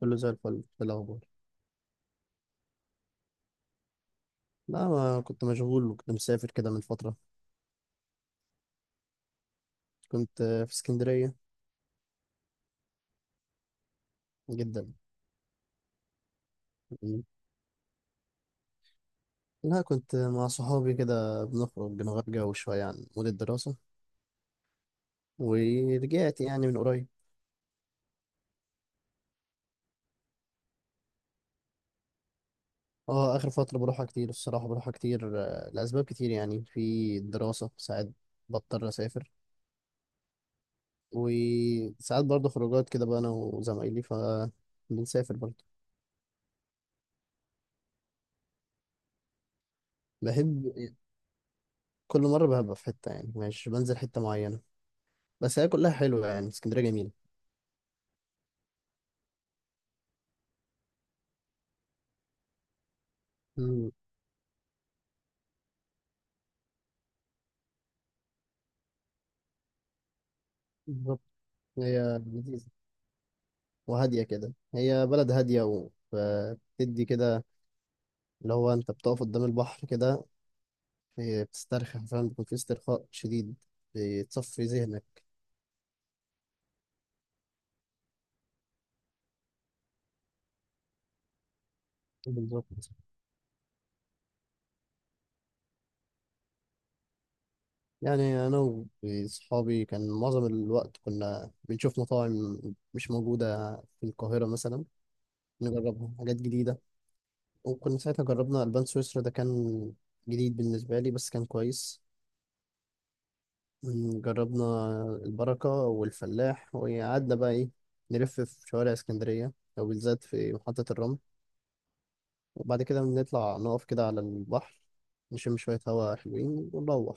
كله زي الفل. إيه الأخبار؟ لا، ما كنت مشغول وكنت مسافر كده من فترة. كنت في اسكندرية. جدا. مم. لا، كنت مع صحابي كده بنخرج بنغير جو شوية عن مود الدراسة. ورجعت يعني من قريب. اه، آخر فترة بروحها كتير الصراحة، بروحها كتير، لأسباب كتير، يعني في الدراسة ساعات بضطر أسافر. وساعات برضه خروجات كده، بقى أنا وزمايلي فبنسافر برضه. بحب. كل مرة ببقى في حتة، يعني مش بنزل حتة معينة. بس هي كلها حلوة، يعني اسكندرية جميلة. مم، بالظبط. هي لذيذة. وهادية كده، هي بلد هادية. وبتدي كده، اللي هو أنت بتقف قدام البحر كده، إيه، بتسترخي، فاهم؟ بيكون في استرخاء شديد. بتصفي ذهنك. بالظبط. يعني أنا وصحابي، كان معظم الوقت كنا بنشوف مطاعم مش موجودة في القاهرة مثلا، نجربها حاجات جديدة. وكنا ساعتها جربنا ألبان سويسرا، ده كان جديد بالنسبة لي بس كان كويس. جربنا البركة والفلاح، وقعدنا بقى إيه، نلف في شوارع اسكندرية، أو بالذات في محطة الرمل. وبعد كده بنطلع نقف كده على البحر، نشم شوية هوا حلوين ونروح.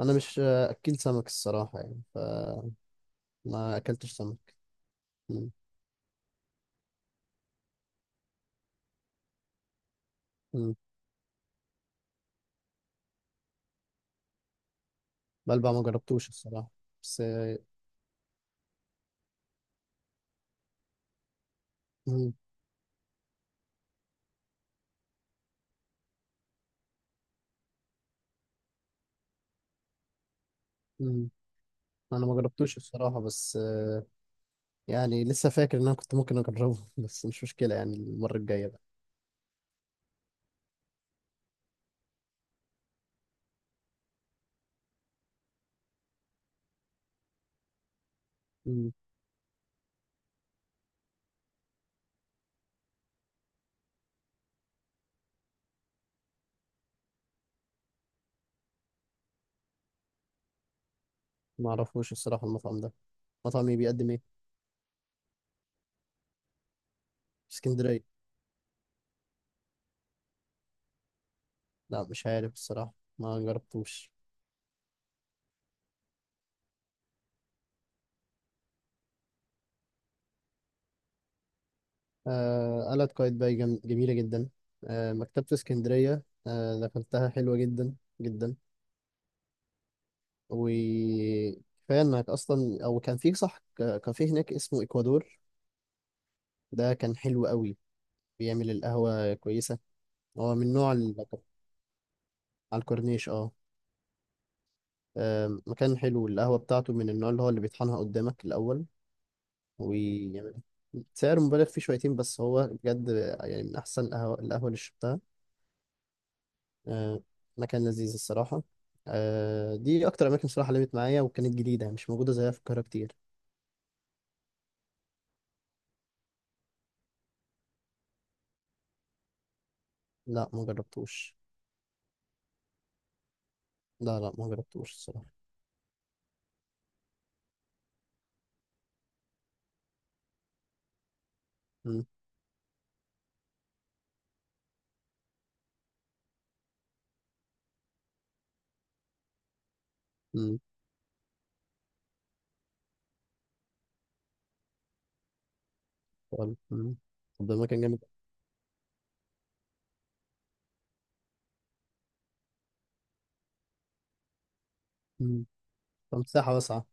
أنا مش أكل سمك الصراحة، يعني فما أكلتش سمك. مم. مم. بلبع ما جربتوش الصراحة، بس. مم. مم. أنا ما جربتوش الصراحة، بس. يعني لسه فاكر إن أنا كنت ممكن أجربه بس مش مشكلة، يعني المرة الجاية بقى. ما اعرفوش الصراحه المطعم ده. مطعم ايه؟ بيقدم ايه؟ في اسكندريه. لا، مش عارف الصراحه، ما جربتوش. آه، قلعة قايتباي جميله جدا. آه، مكتبه اسكندريه، آه، دخلتها حلوه جدا. جدا. وكفايه انك اصلا، او كان في صح، كافيه هناك اسمه اكوادور. ده كان حلو قوي. بيعمل القهوه كويسه. هو من نوع. على الكورنيش، اه. مكان حلو. القهوه بتاعته من النوع اللي هو اللي بيطحنها قدامك الاول. ويعمل سعر مبالغ فيه شويتين، بس هو بجد، يعني من أحسن القهوة اللي شربتها. آه، مكان لذيذ الصراحة. دي أكتر أماكن صراحة لمت معايا، وكانت جديدة مش موجودة زيها في القاهرة كتير. لا، ما جربتوش. لا لا، ما جربتوش الصراحة. مم. مم. طب. مم. طب ده مكان جامد. مم. طب مساحة واسعة.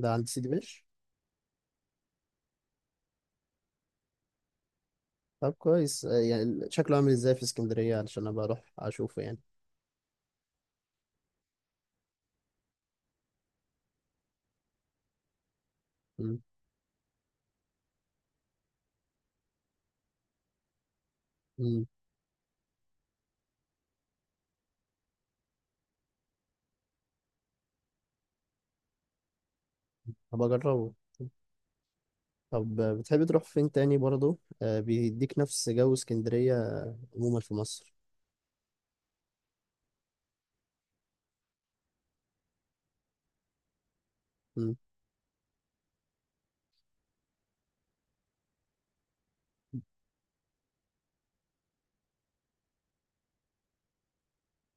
ده عند سيدي بشر. طب كويس، يعني شكله عامل ازاي في اسكندرية علشان أبقى أروح أشوفه يعني. مم. مم. هبقى أجربه. طب بتحب تروح فين تاني برضه، بيديك نفس جو اسكندرية عموما في مصر؟ مم.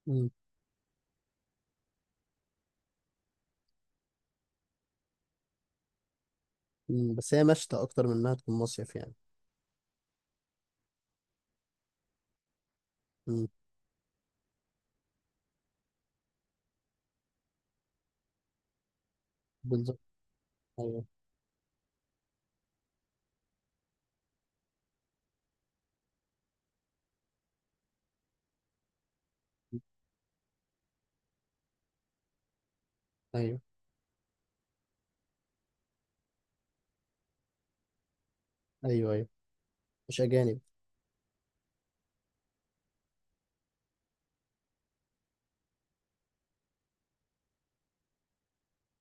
مم. مم. بس هي مشتى أكتر من إنها تكون مصيف يعني. مم. بالظبط. أيوه. أيوه. أيوه أيوه. مش أجانب.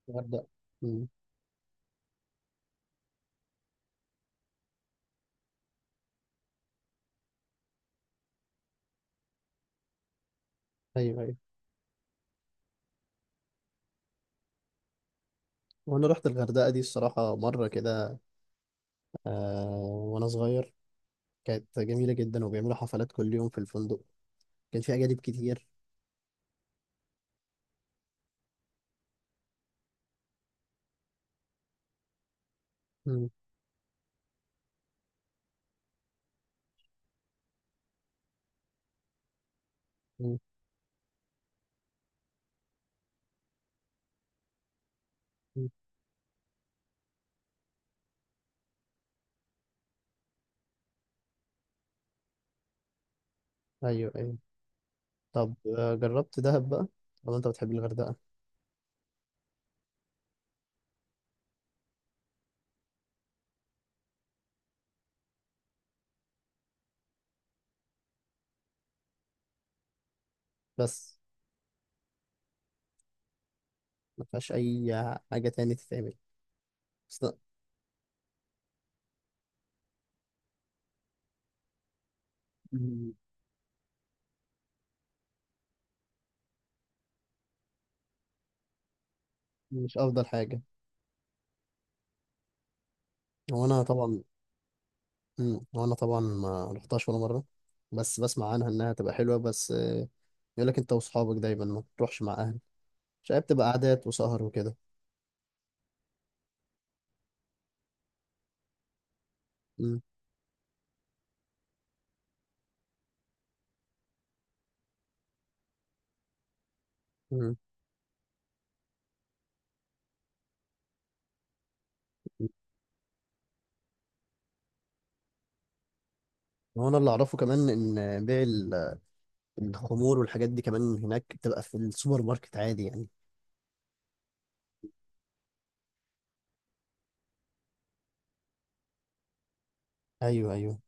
الغردقة. مم. أيوه أيوه. وأنا رحت الغردقة دي الصراحة مرة كده، آه وأنا صغير. كانت جميلة جدا، وبيعملوا حفلات كل يوم في الفندق. كان في أجانب كتير. مم. مم. مم. أيوه أيوه. طب، جربت دهب بقى؟ طب أنت بتحب الغردقة. بس ما فيهاش أي حاجة تاني تتعمل. بس لا. مم. مش أفضل حاجة. هو أنا طبعا. مم. وانا طبعا ما رحتهاش ولا مره. بس بسمع عنها انها تبقى حلوه، بس. يقول لك انت واصحابك دايما، ما تروحش مع اهل. مش عارف، تبقى قعدات وسهر وكده. مم. مم. هو انا اللي اعرفه كمان، ان بيع الخمور والحاجات دي كمان هناك بتبقى في السوبر ماركت عادي يعني. ايوه ايوه.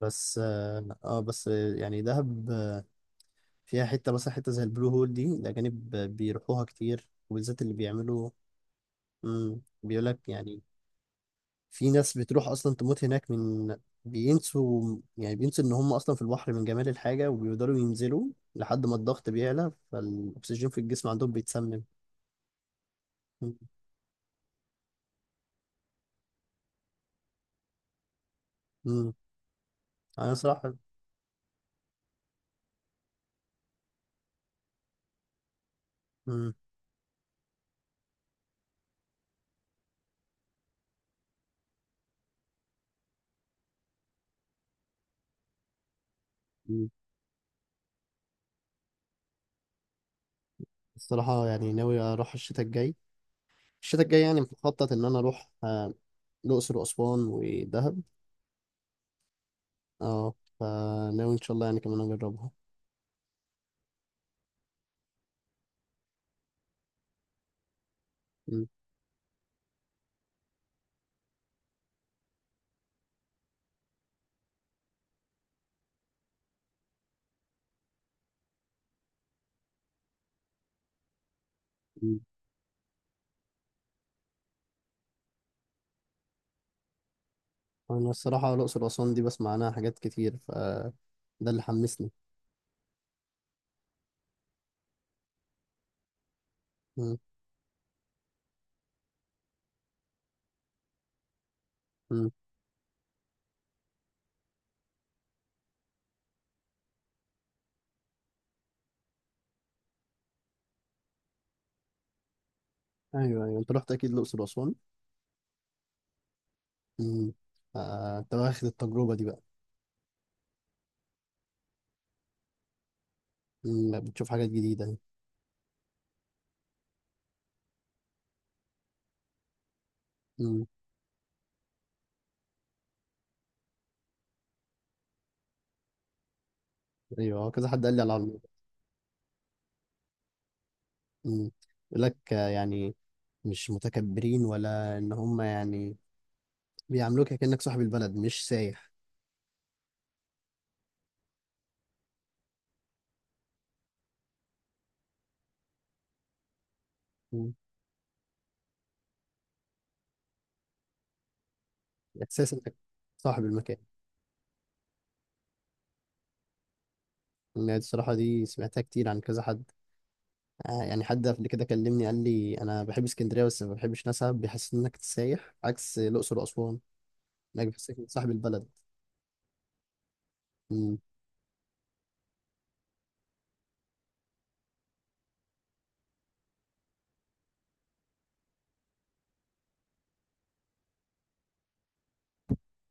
بس اه آه، بس آه، يعني دهب، فيها حته مثلا حته زي البلو هول دي، الاجانب بيروحوها كتير، وبالذات اللي بيعملوا. مم. بيقول لك يعني في ناس بتروح اصلا تموت هناك من، يعني بينسوا ان هم اصلا في البحر من جمال الحاجه، وبيقدروا ينزلوا لحد ما الضغط بيعلى، فالاكسجين في الجسم عندهم بيتسمم. مم. مم. انا صراحه. مم. مم. الصراحه يعني ناوي اروح الشتاء الجاي، الشتاء الجاي، يعني مخطط ان انا اروح الاقصر واسوان ودهب. اه. فناوي ان شاء الله يعني كمان اجربها. مم. مم. انا الصراحه، الاقصر واسوان دي بسمع عنها حاجات كتير، فده اللي حمسني. مم. مم. ايوه ايوه، انت رحت اكيد الاقصر واسوان. امم. انت واخد التجربه دي بقى. امم، بتشوف حاجات جديده. امم. ايوه، كذا حد قال لي على الموضوع. امم. يقول لك يعني مش متكبرين، ولا ان هم يعني بيعاملوك كأنك صاحب البلد مش سايح. مم. احساس انك صاحب المكان. يعني الصراحه دي سمعتها كتير عن كذا حد. يعني حد قبل كده كلمني، قال لي: انا بحب اسكندريه بس ما بحبش ناسها، بيحسسني انك سايح، عكس الاقصر واسوان، انك بيحسسك إنك صاحب البلد.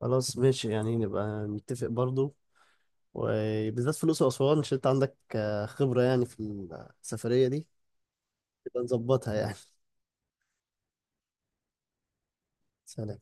خلاص ماشي، يعني نبقى نتفق برضو. وبالذات فلوس أسوان، عشان أنت عندك خبرة يعني في السفرية دي. يبقى نظبطها يعني سلام.